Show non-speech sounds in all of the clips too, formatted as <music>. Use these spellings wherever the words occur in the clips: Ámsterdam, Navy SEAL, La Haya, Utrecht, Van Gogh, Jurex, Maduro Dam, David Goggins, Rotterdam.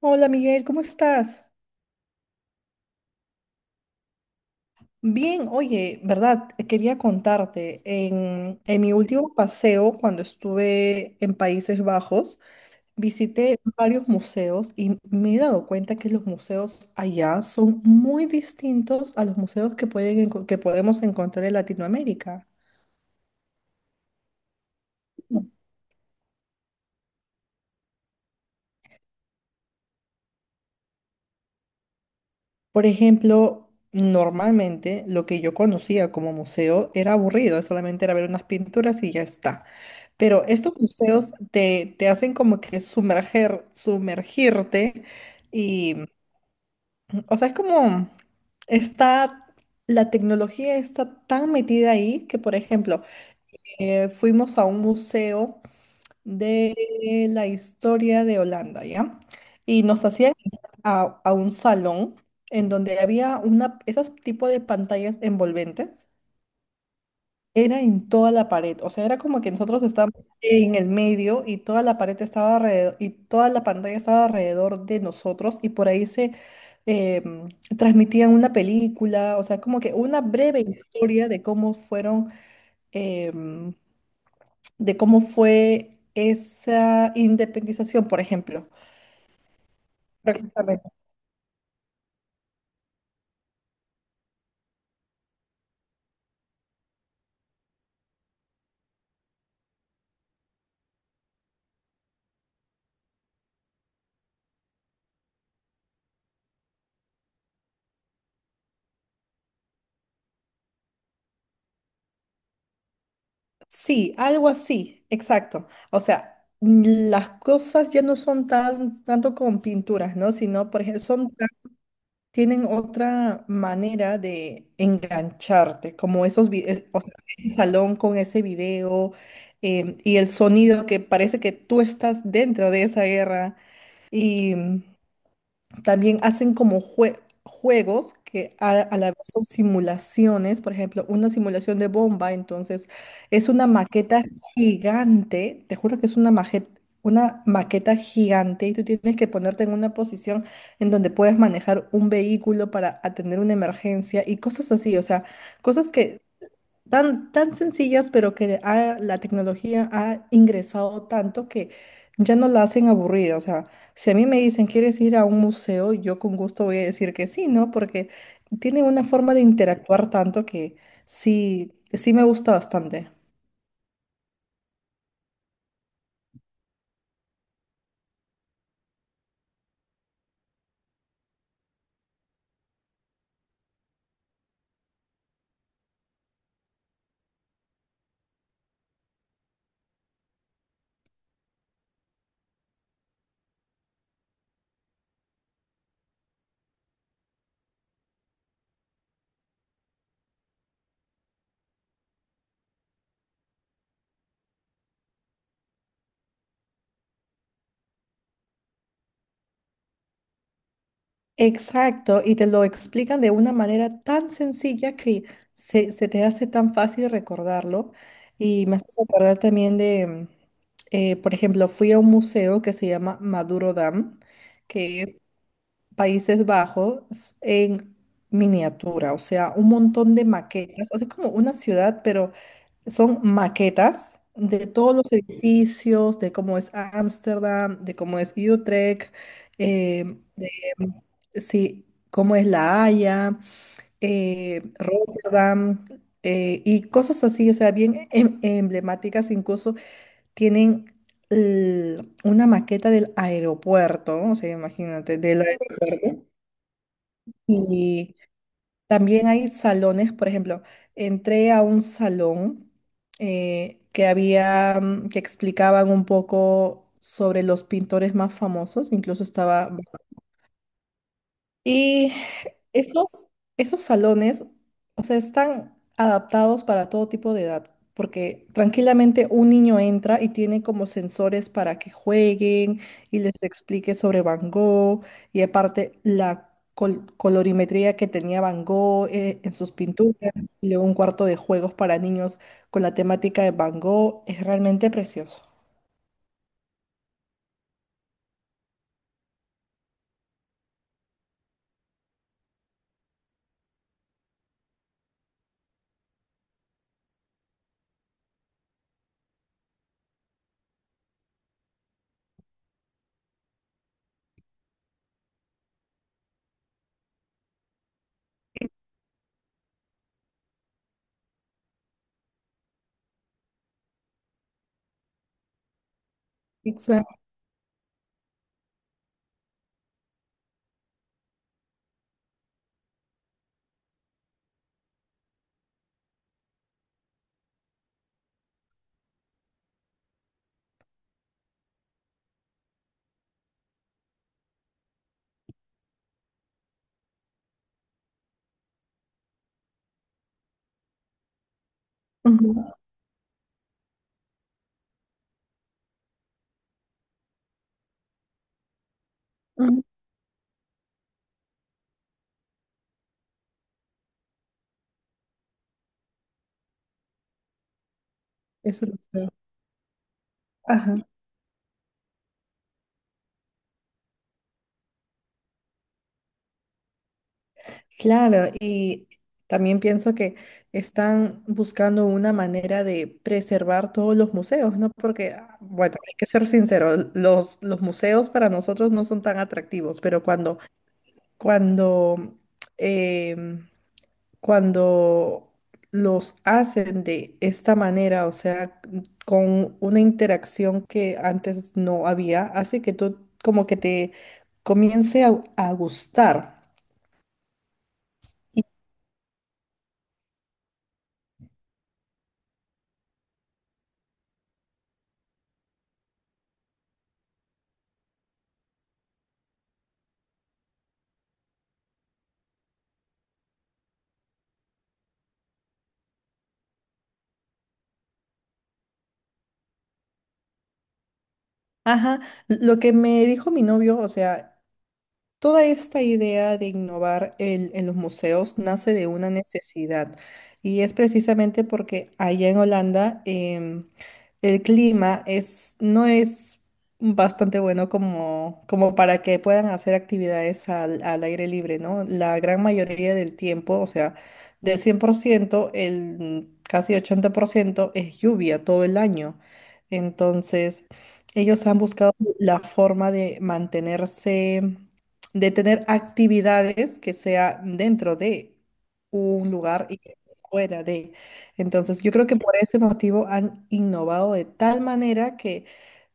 Hola Miguel, ¿cómo estás? Bien, oye, verdad, quería contarte, en mi último paseo, cuando estuve en Países Bajos, visité varios museos y me he dado cuenta que los museos allá son muy distintos a los museos que que podemos encontrar en Latinoamérica. Por ejemplo, normalmente lo que yo conocía como museo era aburrido, solamente era ver unas pinturas y ya está. Pero estos museos te hacen como que sumergirte y, o sea, es como está, la tecnología está tan metida ahí que, por ejemplo, fuimos a un museo de la historia de Holanda, ¿ya? Y nos hacían entrar a un salón en donde había una, esas tipo de pantallas envolventes. Era en toda la pared, o sea, era como que nosotros estábamos en el medio y toda la pared estaba alrededor, y toda la pantalla estaba alrededor de nosotros y por ahí se eh, transmitían una película, o sea, como que una breve historia de cómo eh, de cómo fue esa independización, por ejemplo. Exactamente. Sí, algo así, exacto. O sea, las cosas ya no son tanto con pinturas, ¿no? Sino, por ejemplo, son tienen otra manera de engancharte, como o sea, ese salón con ese video y el sonido que parece que tú estás dentro de esa guerra. También hacen como juegos que a la vez son simulaciones, por ejemplo, una simulación de bomba, entonces es una maqueta gigante, te juro que es una maqueta gigante y tú tienes que ponerte en una posición en donde puedes manejar un vehículo para atender una emergencia y cosas así, o sea, cosas que tan sencillas, pero que la tecnología ha ingresado tanto que ya no la hacen aburrida. O sea, si a mí me dicen, ¿quieres ir a un museo? Yo con gusto voy a decir que sí, ¿no? Porque tiene una forma de interactuar tanto que sí me gusta bastante. Exacto, y te lo explican de una manera tan sencilla que se te hace tan fácil recordarlo. Y me hace acordar también por ejemplo, fui a un museo que se llama Maduro Dam, que Países Bajos en miniatura, o sea, un montón de maquetas, o sea, es como una ciudad, pero son maquetas de todos los edificios, de cómo es Ámsterdam, de cómo es Utrecht, de sí, cómo es La Haya, Rotterdam, y cosas así, o sea, bien emblemáticas, incluso tienen una maqueta del aeropuerto, o sea, imagínate, del aeropuerto. Y también hay salones, por ejemplo, entré a un salón que había, que explicaban un poco sobre los pintores más famosos, incluso estaba... Y esos, esos salones, o sea, están adaptados para todo tipo de edad, porque tranquilamente un niño entra y tiene como sensores para que jueguen y les explique sobre Van Gogh y aparte la colorimetría que tenía Van Gogh en sus pinturas y luego un cuarto de juegos para niños con la temática de Van Gogh es realmente precioso. Exacto. Ujú, ujú. Eso lo creo. Ajá. Claro, y también pienso que están buscando una manera de preservar todos los museos, ¿no? Porque, ah, bueno, hay que ser sincero, los museos para nosotros no son tan atractivos, pero cuando, em, cuando los hacen de esta manera, o sea, con una interacción que antes no había, hace que tú como que te comience a gustar. Ajá, lo que me dijo mi novio, o sea, toda esta idea de innovar en los museos nace de una necesidad y es precisamente porque allá en Holanda el clima es, no es bastante bueno como, como para que puedan hacer actividades al aire libre, ¿no? La gran mayoría del tiempo, o sea, del 100%, el casi 80% es lluvia todo el año. Entonces, ellos han buscado la forma de mantenerse de tener actividades que sea dentro de un lugar y fuera de. Entonces, yo creo que por ese motivo han innovado de tal manera que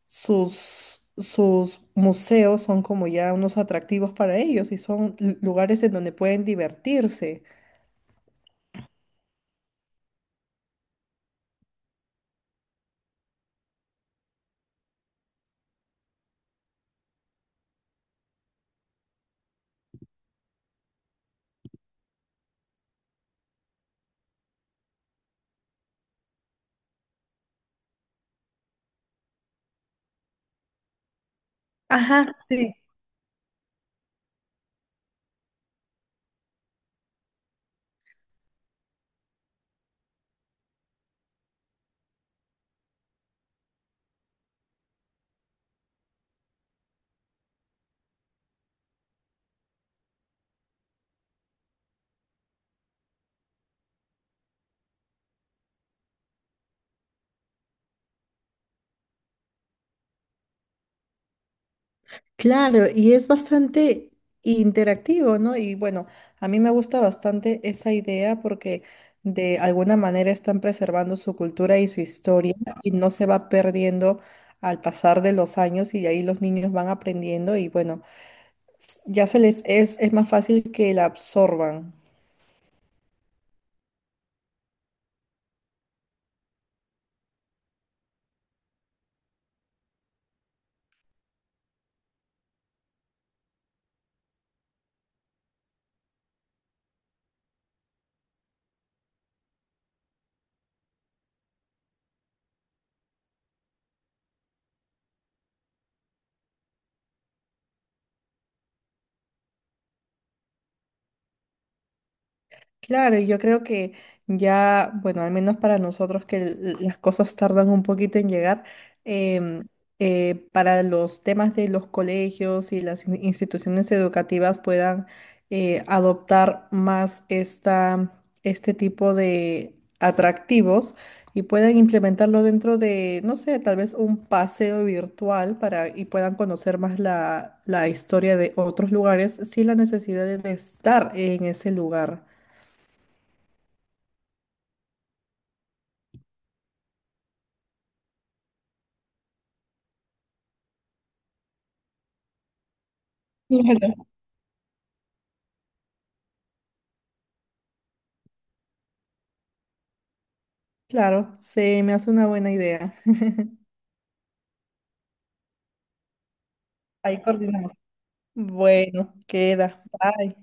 sus museos son como ya unos atractivos para ellos y son lugares en donde pueden divertirse. Ajá, sí. Claro, y es bastante interactivo, ¿no? Y bueno, a mí me gusta bastante esa idea porque de alguna manera están preservando su cultura y su historia y no se va perdiendo al pasar de los años y de ahí los niños van aprendiendo y bueno, ya se les es más fácil que la absorban. Claro, y yo creo que ya, bueno, al menos para nosotros que las cosas tardan un poquito en llegar, em, para los temas de los colegios y las instituciones educativas puedan adoptar más este tipo de atractivos y puedan implementarlo dentro de, no sé, tal vez un paseo virtual para y puedan conocer más la historia de otros lugares sin la necesidad de estar en ese lugar. Claro, claro, se me hace una buena idea. <laughs> Ahí coordinamos. Bueno, queda. Bye.